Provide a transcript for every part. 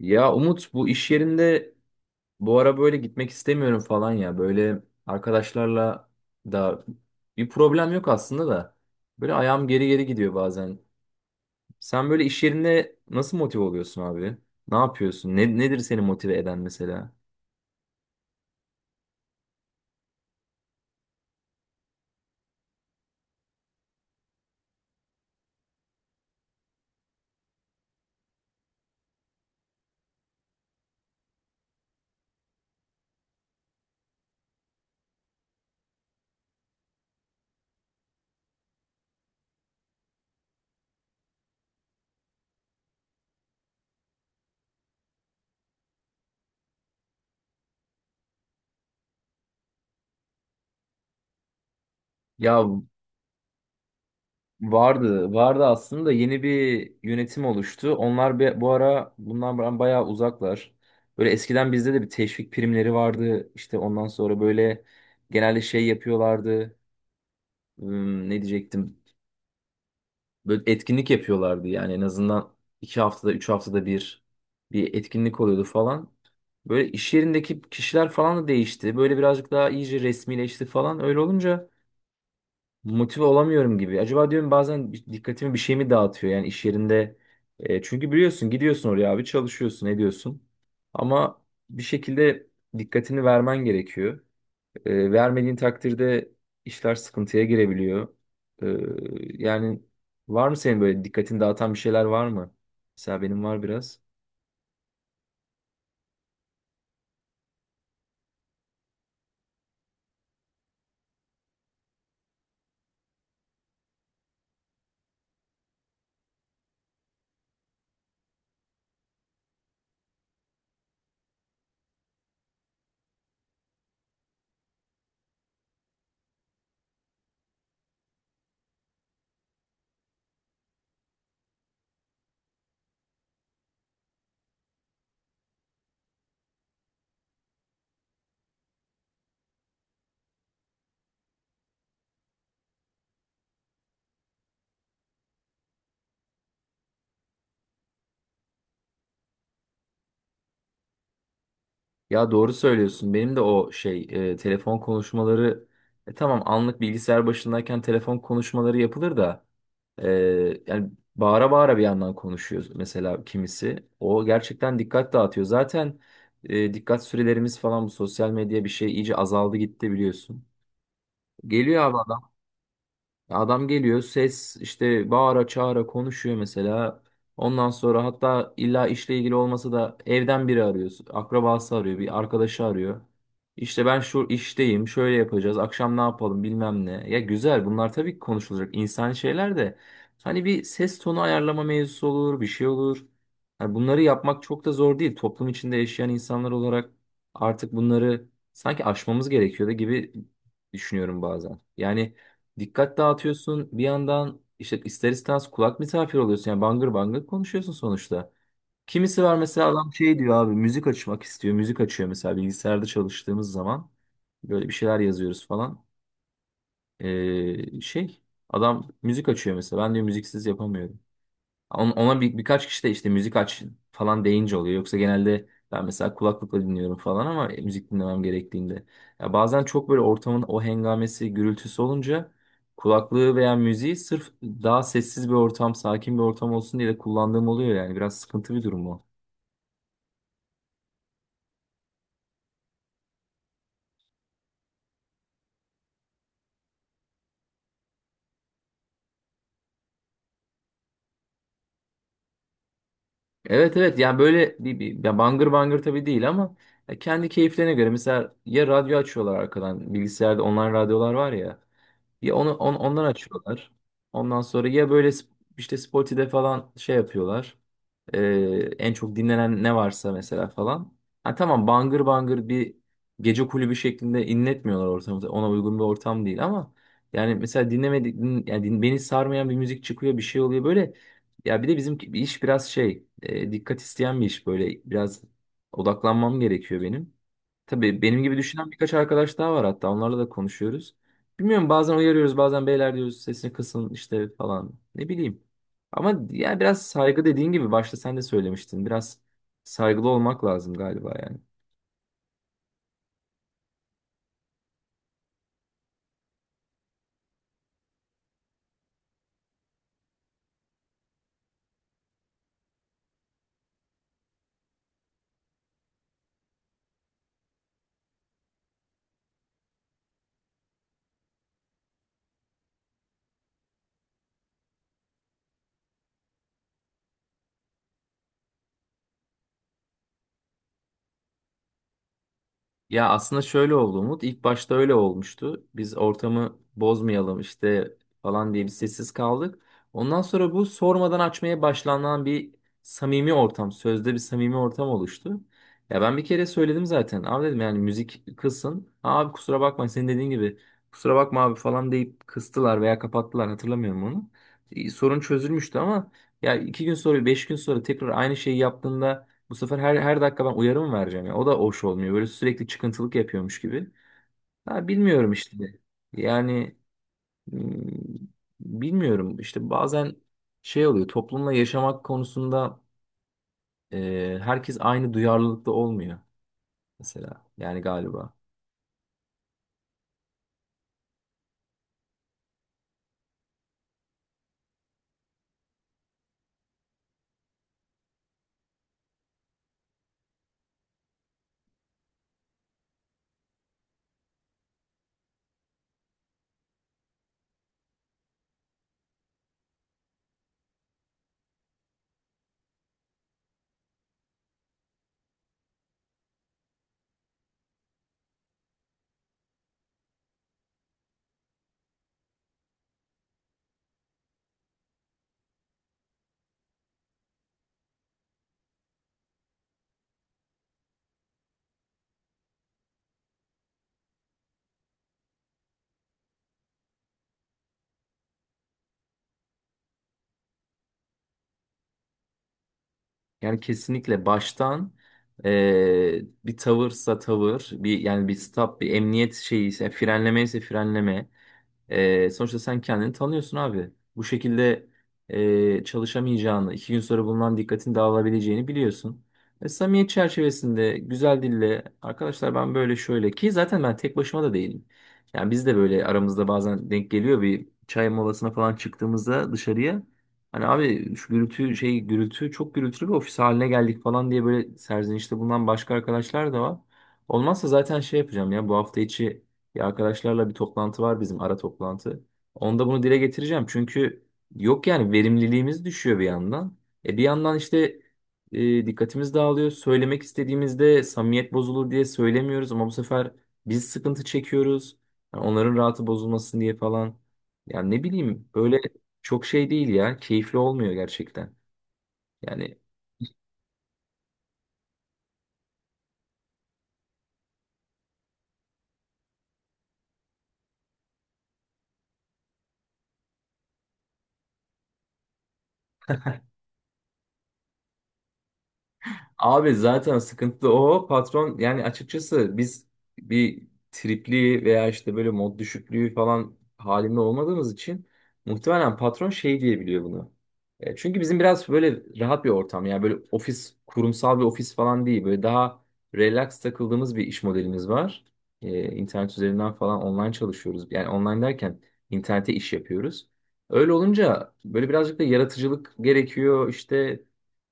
Ya Umut, bu iş yerinde bu ara böyle gitmek istemiyorum falan ya. Böyle arkadaşlarla da bir problem yok aslında da. Böyle ayağım geri geri gidiyor bazen. Sen böyle iş yerinde nasıl motive oluyorsun abi? Ne yapıyorsun? Nedir seni motive eden mesela? Ya vardı aslında, yeni bir yönetim oluştu. Onlar bu ara bundan bayağı uzaklar. Böyle eskiden bizde de bir teşvik primleri vardı. İşte ondan sonra böyle genelde şey yapıyorlardı. Ne diyecektim? Böyle etkinlik yapıyorlardı yani, en azından iki haftada, üç haftada bir bir etkinlik oluyordu falan. Böyle iş yerindeki kişiler falan da değişti. Böyle birazcık daha iyice resmileşti falan. Öyle olunca motive olamıyorum gibi. Acaba diyorum bazen, dikkatimi bir şey mi dağıtıyor yani iş yerinde. Çünkü biliyorsun, gidiyorsun oraya abi, çalışıyorsun ediyorsun. Ama bir şekilde dikkatini vermen gerekiyor. Vermediğin takdirde işler sıkıntıya girebiliyor. E, Yani, var mı senin böyle dikkatini dağıtan bir şeyler var mı? Mesela benim var biraz. Ya doğru söylüyorsun. Benim de o telefon konuşmaları, tamam anlık bilgisayar başındayken telefon konuşmaları yapılır da, e, yani bağıra bağıra bir yandan konuşuyor mesela kimisi. O gerçekten dikkat dağıtıyor. Zaten dikkat sürelerimiz falan, bu sosyal medya bir şey, iyice azaldı gitti biliyorsun. Geliyor abi. Ya adam geliyor ses, işte bağıra çağıra konuşuyor mesela. Ondan sonra hatta illa işle ilgili olmasa da evden biri arıyor. Akrabası arıyor, bir arkadaşı arıyor. İşte ben şu işteyim, şöyle yapacağız, akşam ne yapalım bilmem ne. Ya güzel, bunlar tabii ki konuşulacak insani şeyler de. Hani bir ses tonu ayarlama mevzusu olur, bir şey olur. Hani bunları yapmak çok da zor değil. Toplum içinde yaşayan insanlar olarak artık bunları sanki aşmamız gerekiyor da gibi düşünüyorum bazen. Yani dikkat dağıtıyorsun. Bir yandan işte ister istemez kulak misafir oluyorsun. Yani bangır bangır konuşuyorsun sonuçta. Kimisi var mesela, adam şey diyor abi, müzik açmak istiyor. Müzik açıyor mesela bilgisayarda çalıştığımız zaman. Böyle bir şeyler yazıyoruz falan. Ee, şey Adam müzik açıyor mesela. Ben diyor müziksiz yapamıyorum. Ona birkaç kişi de işte müzik aç falan deyince oluyor. Yoksa genelde ben mesela kulaklıkla dinliyorum falan, ama müzik dinlemem gerektiğinde. Ya bazen çok böyle ortamın o hengamesi, gürültüsü olunca, kulaklığı veya müziği sırf daha sessiz bir ortam, sakin bir ortam olsun diye de kullandığım oluyor yani. Biraz sıkıntı bir durum o. Evet evet, yani böyle bir ya, bangır bangır tabii değil, ama ya kendi keyiflerine göre mesela, ya radyo açıyorlar arkadan, bilgisayarda online radyolar var ya. Ya onu ondan açıyorlar. Ondan sonra ya böyle işte Spoti'de falan şey yapıyorlar. En çok dinlenen ne varsa mesela falan. Ha tamam, bangır bangır bir gece kulübü şeklinde inletmiyorlar ortamı. Ona uygun bir ortam değil, ama yani mesela dinlemedik din- yani din- beni sarmayan bir müzik çıkıyor, bir şey oluyor böyle. Ya bir de bizim bir iş biraz dikkat isteyen bir iş, böyle biraz odaklanmam gerekiyor benim. Tabii benim gibi düşünen birkaç arkadaş daha var, hatta onlarla da konuşuyoruz. Bilmiyorum, bazen uyarıyoruz, bazen beyler diyoruz sesini kısın işte falan, ne bileyim. Ama ya biraz saygı, dediğin gibi başta sen de söylemiştin. Biraz saygılı olmak lazım galiba yani. Ya aslında şöyle oldu Umut. İlk başta öyle olmuştu. Biz ortamı bozmayalım işte falan diye bir sessiz kaldık. Ondan sonra bu sormadan açmaya başlanan bir samimi ortam, sözde bir samimi ortam oluştu. Ya ben bir kere söyledim zaten. Abi dedim yani müzik kılsın. Abi kusura bakma, senin dediğin gibi, kusura bakma abi falan deyip kıstılar veya kapattılar, hatırlamıyorum onu. Sorun çözülmüştü, ama ya iki gün sonra beş gün sonra tekrar aynı şeyi yaptığında, bu sefer her dakika ben uyarı mı vereceğim ya? O da hoş olmuyor. Böyle sürekli çıkıntılık yapıyormuş gibi. Ha bilmiyorum işte. Yani hmm, bilmiyorum işte, bazen şey oluyor, toplumla yaşamak konusunda herkes aynı duyarlılıkta olmuyor mesela yani, galiba. Yani kesinlikle baştan bir tavırsa tavır, bir yani bir stop, bir emniyet şeyi ise frenleme ise frenleme. Sonuçta sen kendini tanıyorsun abi. Bu şekilde çalışamayacağını, iki gün sonra bundan dikkatin dağılabileceğini biliyorsun. Ve samimiyet çerçevesinde güzel dille arkadaşlar, ben böyle şöyle ki, zaten ben tek başıma da değilim. Yani biz de böyle aramızda bazen denk geliyor, bir çay molasına falan çıktığımızda dışarıya. Hani abi şu gürültü, şey gürültü, çok gürültülü bir ofis haline geldik falan diye böyle serzenişte bulunan başka arkadaşlar da var. Olmazsa zaten şey yapacağım ya, bu hafta içi ya arkadaşlarla bir toplantı var bizim, ara toplantı. Onda bunu dile getireceğim. Çünkü yok yani, verimliliğimiz düşüyor bir yandan. E bir yandan işte dikkatimiz dağılıyor. Söylemek istediğimizde samimiyet bozulur diye söylemiyoruz, ama bu sefer biz sıkıntı çekiyoruz. Yani onların rahatı bozulmasın diye falan. Yani ne bileyim, böyle çok şey değil ya. Keyifli olmuyor gerçekten. Yani abi zaten sıkıntı da o, patron yani, açıkçası biz bir tripli veya işte böyle mod düşüklüğü falan halinde olmadığımız için muhtemelen patron şey diyebiliyor bunu. Çünkü bizim biraz böyle rahat bir ortam, yani böyle ofis, kurumsal bir ofis falan değil, böyle daha relax takıldığımız bir iş modelimiz var. İnternet üzerinden falan online çalışıyoruz, yani online derken internete iş yapıyoruz. Öyle olunca böyle birazcık da yaratıcılık gerekiyor işte,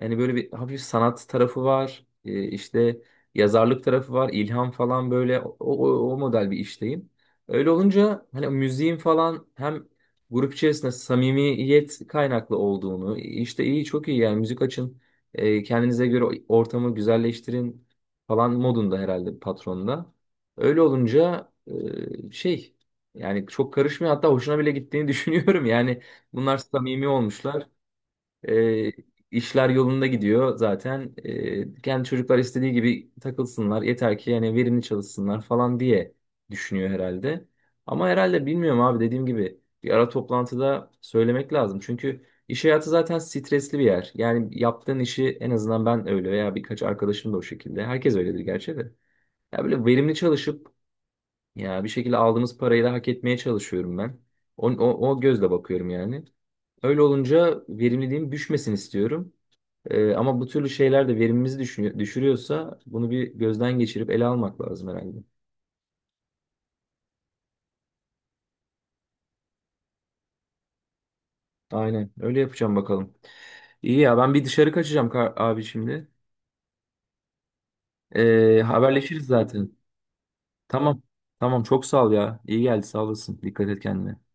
yani böyle bir hafif sanat tarafı var. İşte yazarlık tarafı var, ilham falan, böyle o model bir işteyim. Öyle olunca hani müziğin falan hem grup içerisinde samimiyet kaynaklı olduğunu işte iyi, çok iyi yani, müzik açın, kendinize göre ortamı güzelleştirin falan modunda herhalde patronda. Öyle olunca e, şey yani çok karışmıyor, hatta hoşuna bile gittiğini düşünüyorum yani, bunlar samimi olmuşlar. E, işler yolunda gidiyor zaten. E kendi çocuklar istediği gibi takılsınlar. Yeter ki yani verimli çalışsınlar falan diye düşünüyor herhalde. Ama herhalde, bilmiyorum abi, dediğim gibi bir ara toplantıda söylemek lazım. Çünkü iş hayatı zaten stresli bir yer. Yani yaptığın işi, en azından ben öyle veya birkaç arkadaşım da o şekilde. Herkes öyledir gerçi de. Ya böyle verimli çalışıp ya bir şekilde aldığımız parayı da hak etmeye çalışıyorum ben. O gözle bakıyorum yani. Öyle olunca verimliliğim düşmesin istiyorum. Ama bu türlü şeyler de verimimizi düşünüyor, düşürüyorsa, bunu bir gözden geçirip ele almak lazım herhalde. Aynen öyle yapacağım bakalım. İyi ya, ben bir dışarı kaçacağım abi şimdi. Tamam, haberleşiriz zaten. Tamam. Tamam çok sağ ol ya. İyi geldi, sağ olasın. Dikkat et kendine.